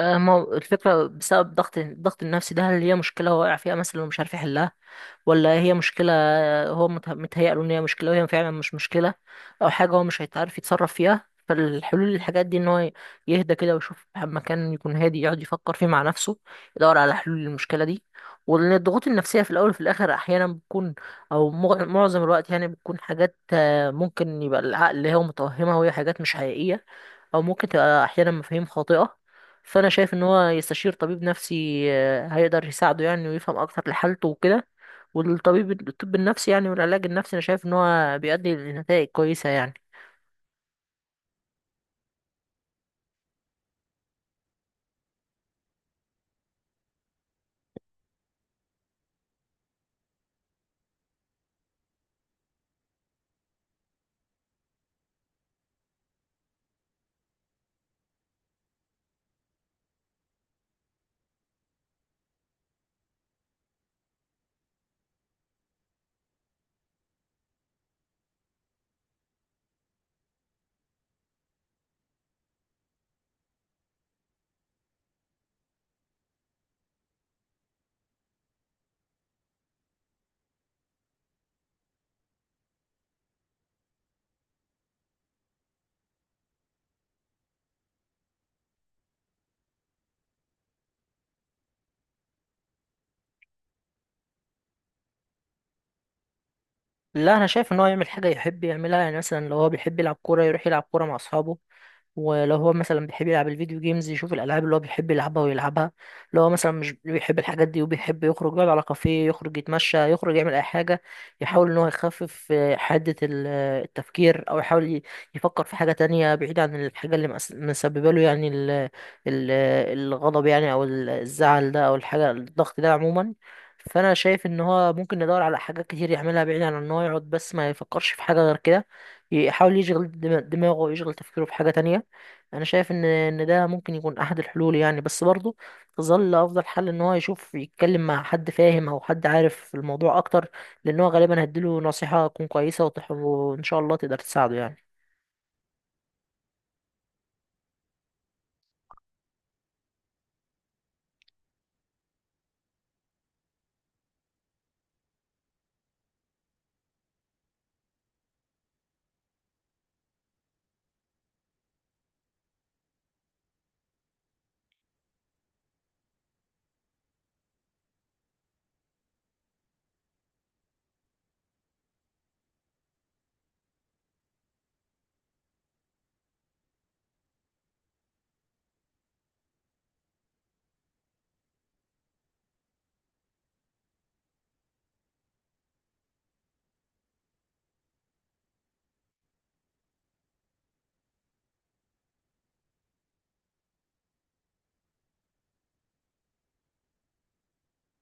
ما هو الفكرة بسبب الضغط النفسي ده، هل هي مشكلة هو واقع فيها مثلا ومش عارف يحلها، ولا هي مشكلة هو متهيأ له إن هي مشكلة وهي فعلا مش مشكلة، أو حاجة هو مش هيتعرف يتصرف فيها. فالحلول للحاجات دي إن هو يهدى كده ويشوف مكان يكون هادي يقعد يفكر فيه مع نفسه، يدور على حلول للمشكلة دي. وإن الضغوط النفسية في الأول وفي الآخر أحيانا بتكون، أو معظم الوقت يعني بتكون حاجات ممكن يبقى العقل هو متوهمها وهي حاجات مش حقيقية، او ممكن تبقى احيانا مفاهيم خاطئة. فانا شايف ان هو يستشير طبيب نفسي، هيقدر يساعده يعني ويفهم اكتر لحالته وكده. الطب النفسي يعني والعلاج النفسي انا شايف ان هو بيؤدي لنتائج كويسة يعني. لا انا شايف ان هو يعمل حاجة يحب يعملها، يعني مثلا لو هو بيحب يلعب كورة يروح يلعب كورة مع اصحابه، ولو هو مثلا بيحب يلعب الفيديو جيمز يشوف الالعاب اللي هو بيحب يلعبها ويلعبها. لو هو مثلا مش بيحب الحاجات دي وبيحب يخرج يقعد على كافيه، يخرج يتمشى، يخرج يعمل اي حاجه، يحاول ان هو يخفف حده التفكير، او يحاول يفكر في حاجه تانية بعيد عن الحاجه اللي مسببه له، يعني ال ال آه، الغضب يعني او الزعل ده او الضغط ده عموما. فانا شايف ان هو ممكن يدور على حاجات كتير يعملها بعيد عن ان هو يقعد بس ما يفكرش في حاجه غير كده، يحاول يشغل دماغه ويشغل تفكيره في حاجه تانية. انا شايف ان ده ممكن يكون احد الحلول يعني، بس برضه تظل افضل حل ان هو يشوف يتكلم مع حد فاهم او حد عارف في الموضوع اكتر، لان هو غالبا هيديله نصيحة تكون كويسة وان شاء الله تقدر تساعده يعني.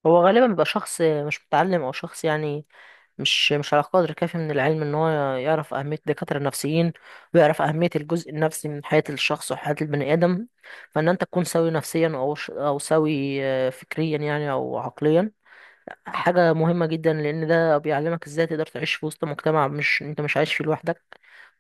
هو غالبا بيبقى شخص مش متعلم او شخص يعني مش على قدر كافي من العلم ان هو يعرف اهمية الدكاترة النفسيين، ويعرف اهمية الجزء النفسي من حياة الشخص وحياة البني ادم. فان انت تكون سوي نفسيا او او سوي فكريا يعني او عقليا حاجة مهمة جدا، لأن ده بيعلمك ازاي تقدر تعيش في وسط مجتمع مش انت مش عايش فيه لوحدك.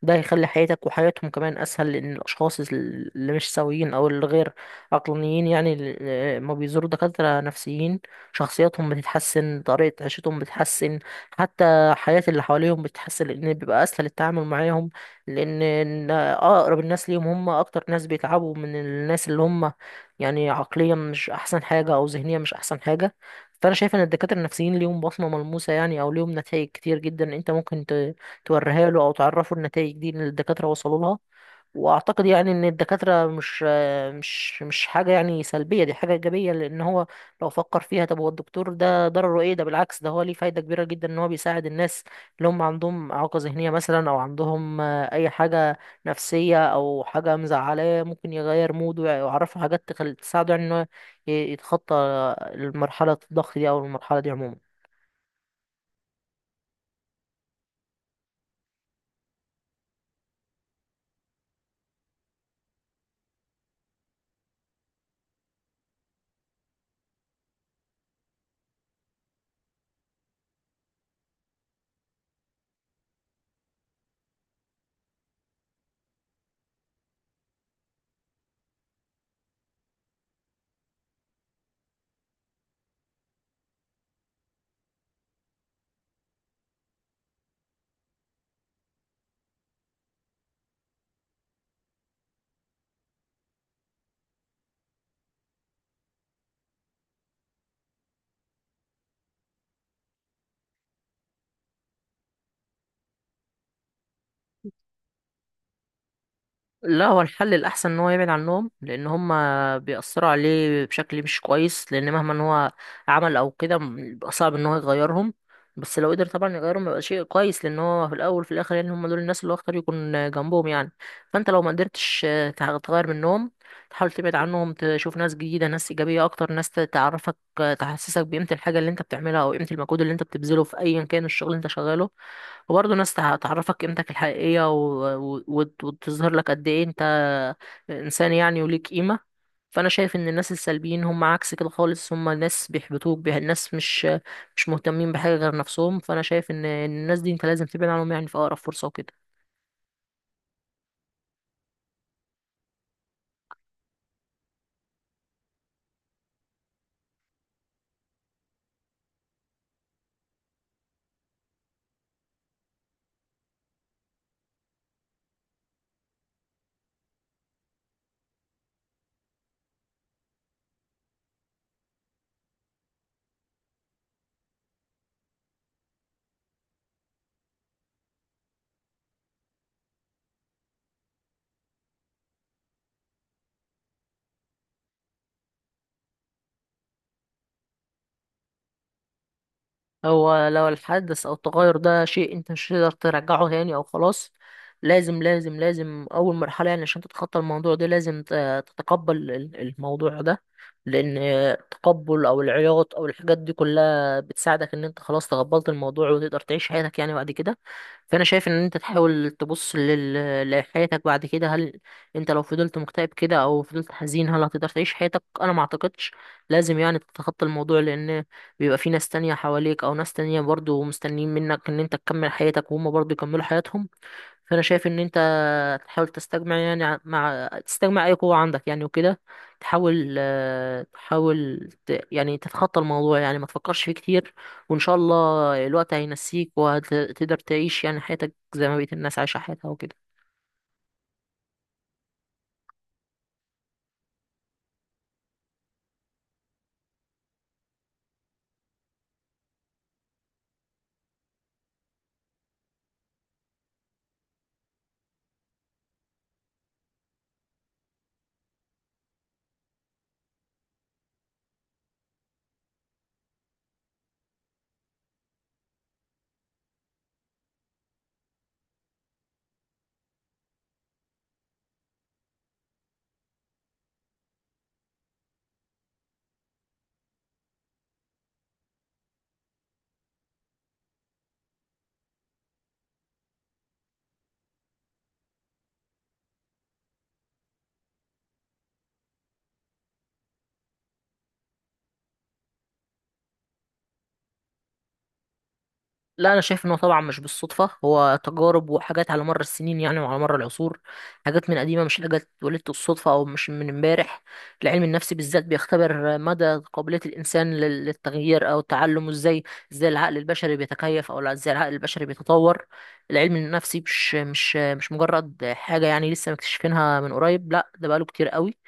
ده هيخلي حياتك وحياتهم كمان أسهل، لأن الأشخاص اللي مش سويين أو اللي غير عقلانيين، يعني اللي ما بيزوروا دكاترة نفسيين، شخصياتهم بتتحسن، طريقة عيشتهم بتتحسن، حتى حياة اللي حواليهم بتتحسن، لأن بيبقى أسهل التعامل معاهم. لأن إن أقرب الناس ليهم هم أكتر ناس بيتعبوا من الناس اللي هم يعني عقليا مش أحسن حاجة أو ذهنيا مش أحسن حاجة. فانا شايف ان الدكاتره النفسيين ليهم بصمه ملموسه يعني، او ليهم نتائج كتير جدا انت ممكن توريها له او تعرفه النتائج دي اللي الدكاتره وصلوا لها. واعتقد يعني ان الدكاترة مش حاجة يعني سلبية، دي حاجة ايجابية، لان هو لو فكر فيها، طب هو الدكتور ده ضرره ايه؟ ده بالعكس، ده هو ليه فايدة كبيرة جدا، ان هو بيساعد الناس اللي هم عندهم اعاقة ذهنية مثلا او عندهم اي حاجة نفسية او حاجة مزعلاه، ممكن يغير موده ويعرفه حاجات تساعده يعني ان هو يتخطى المرحلة الضغط دي او المرحلة دي عموما. لا، هو الحل الأحسن إن هو يبعد عنهم، لأن هما بيأثروا عليه بشكل مش كويس، لأن مهما إن هو عمل أو كده بيبقى صعب إن هو يغيرهم. بس لو قدر طبعا يغيرهم يبقى شيء كويس، لأن هو في الأول وفي الآخر يعني هما دول الناس اللي هو اختار يكون جنبهم يعني. فأنت لو ما قدرتش تغير منهم، تحاول تبعد عنهم، تشوف ناس جديدة، ناس إيجابية أكتر، ناس تعرفك، تحسسك بقيمة الحاجة اللي أنت بتعملها أو قيمة المجهود اللي أنت بتبذله في أيا كان الشغل اللي أنت شغاله. وبرضه ناس تعرفك قيمتك الحقيقية وتظهر لك قد ايه انت انسان يعني وليك قيمة. فانا شايف ان الناس السلبيين هم عكس كده خالص، هم ناس بيحبطوك بيها، الناس مش مهتمين بحاجة غير نفسهم. فانا شايف ان الناس دي انت لازم تبعد عنهم يعني في اقرب فرصة وكده. هو لو الحدث او التغير ده شيء انت مش هتقدر ترجعه تاني او خلاص، لازم لازم لازم اول مرحله يعني عشان تتخطى الموضوع ده، لازم تتقبل الموضوع ده، لان التقبل او العياط او الحاجات دي كلها بتساعدك ان انت خلاص تقبلت الموضوع وتقدر تعيش حياتك يعني بعد كده. فانا شايف ان انت تحاول تبص لحياتك بعد كده، هل انت لو فضلت مكتئب كده او فضلت حزين هل هتقدر تعيش حياتك؟ انا ما اعتقدش. لازم يعني تتخطى الموضوع، لان بيبقى في ناس تانية حواليك او ناس تانية برضو مستنيين منك ان انت تكمل حياتك وهم برضو يكملوا حياتهم. فانا شايف ان انت تحاول تستجمع يعني مع تستجمع اي قوة عندك يعني وكده، تحاول يعني تتخطى الموضوع، يعني ما تفكرش فيه كتير، وان شاء الله الوقت هينسيك وهتقدر تعيش يعني حياتك زي ما بقية الناس عايشة حياتها وكده. لا انا شايف انه طبعا مش بالصدفه، هو تجارب وحاجات على مر السنين يعني وعلى مر العصور، حاجات من قديمه، مش حاجات ولدت الصدفه او مش من امبارح. العلم النفسي بالذات بيختبر مدى قابليه الانسان للتغيير او التعلم، وازاي ازاي العقل البشري بيتكيف، او لا، ازاي العقل البشري بيتطور. العلم النفسي مش مجرد حاجه يعني لسه مكتشفينها من قريب، لا، ده بقاله كتير قوي.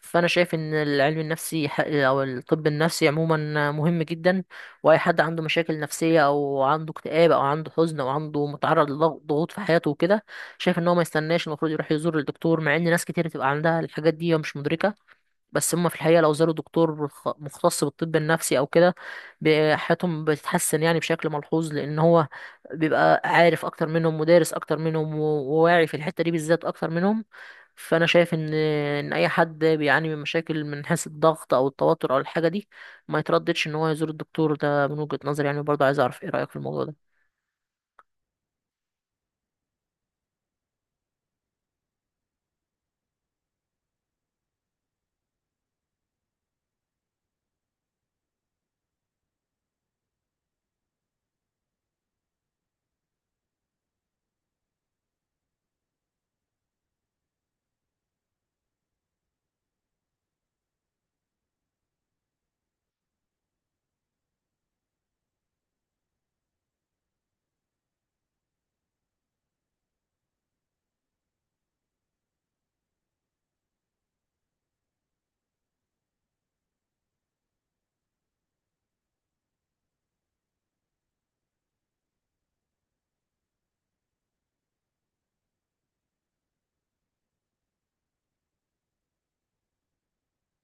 فانا شايف ان العلم النفسي او الطب النفسي عموما مهم جدا، واي حد عنده مشاكل نفسيه او عنده اكتئاب او عنده حزن او عنده متعرض لضغوط في حياته وكده، شايف ان هو ما يستناش، المفروض يروح يزور الدكتور. مع ان ناس كتير تبقى عندها الحاجات دي ومش مدركه، بس هم في الحقيقة لو زاروا دكتور مختص بالطب النفسي أو كده، حياتهم بتتحسن يعني بشكل ملحوظ، لأن هو بيبقى عارف أكتر منهم ودارس أكتر منهم وواعي في الحتة دي بالذات أكتر منهم. فأنا شايف إن أي حد بيعاني من مشاكل من حيث الضغط أو التوتر أو الحاجة دي ما يترددش إن هو يزور الدكتور ده، من وجهة نظري يعني. برضه عايز أعرف إيه رأيك في الموضوع ده.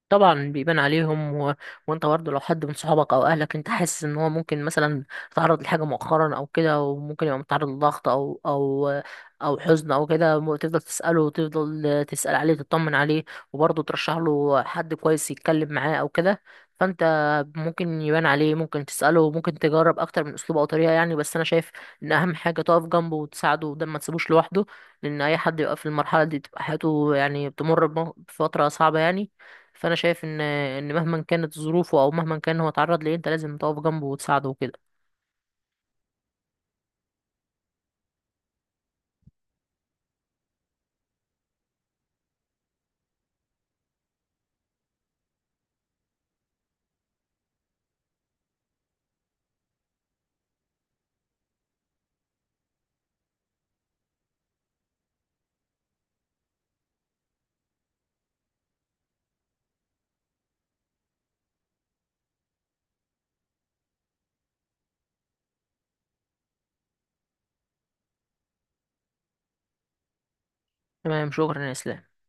طبعا بيبان عليهم وانت برضه لو حد من صحابك او اهلك انت حاسس ان هو ممكن مثلا تعرض لحاجه مؤخرا او كده وممكن يبقى متعرض لضغط او حزن او كده، تفضل تساله وتفضل تسال عليه، تطمن عليه، وبرضه ترشح له حد كويس يتكلم معاه او كده. فانت ممكن يبان عليه، ممكن تساله، ممكن تجرب اكتر من اسلوب او طريقه، يعني بس انا شايف ان اهم حاجه تقف جنبه وتساعده، وده ما تسيبوش لوحده، لان اي حد يبقى في المرحله دي بتبقى حياته يعني بتمر بفتره صعبه يعني. فانا شايف ان مهما كانت ظروفه او مهما كان هو اتعرض لايه، انت لازم تقف جنبه وتساعده وكده. تمام، شكرا يا اسلام.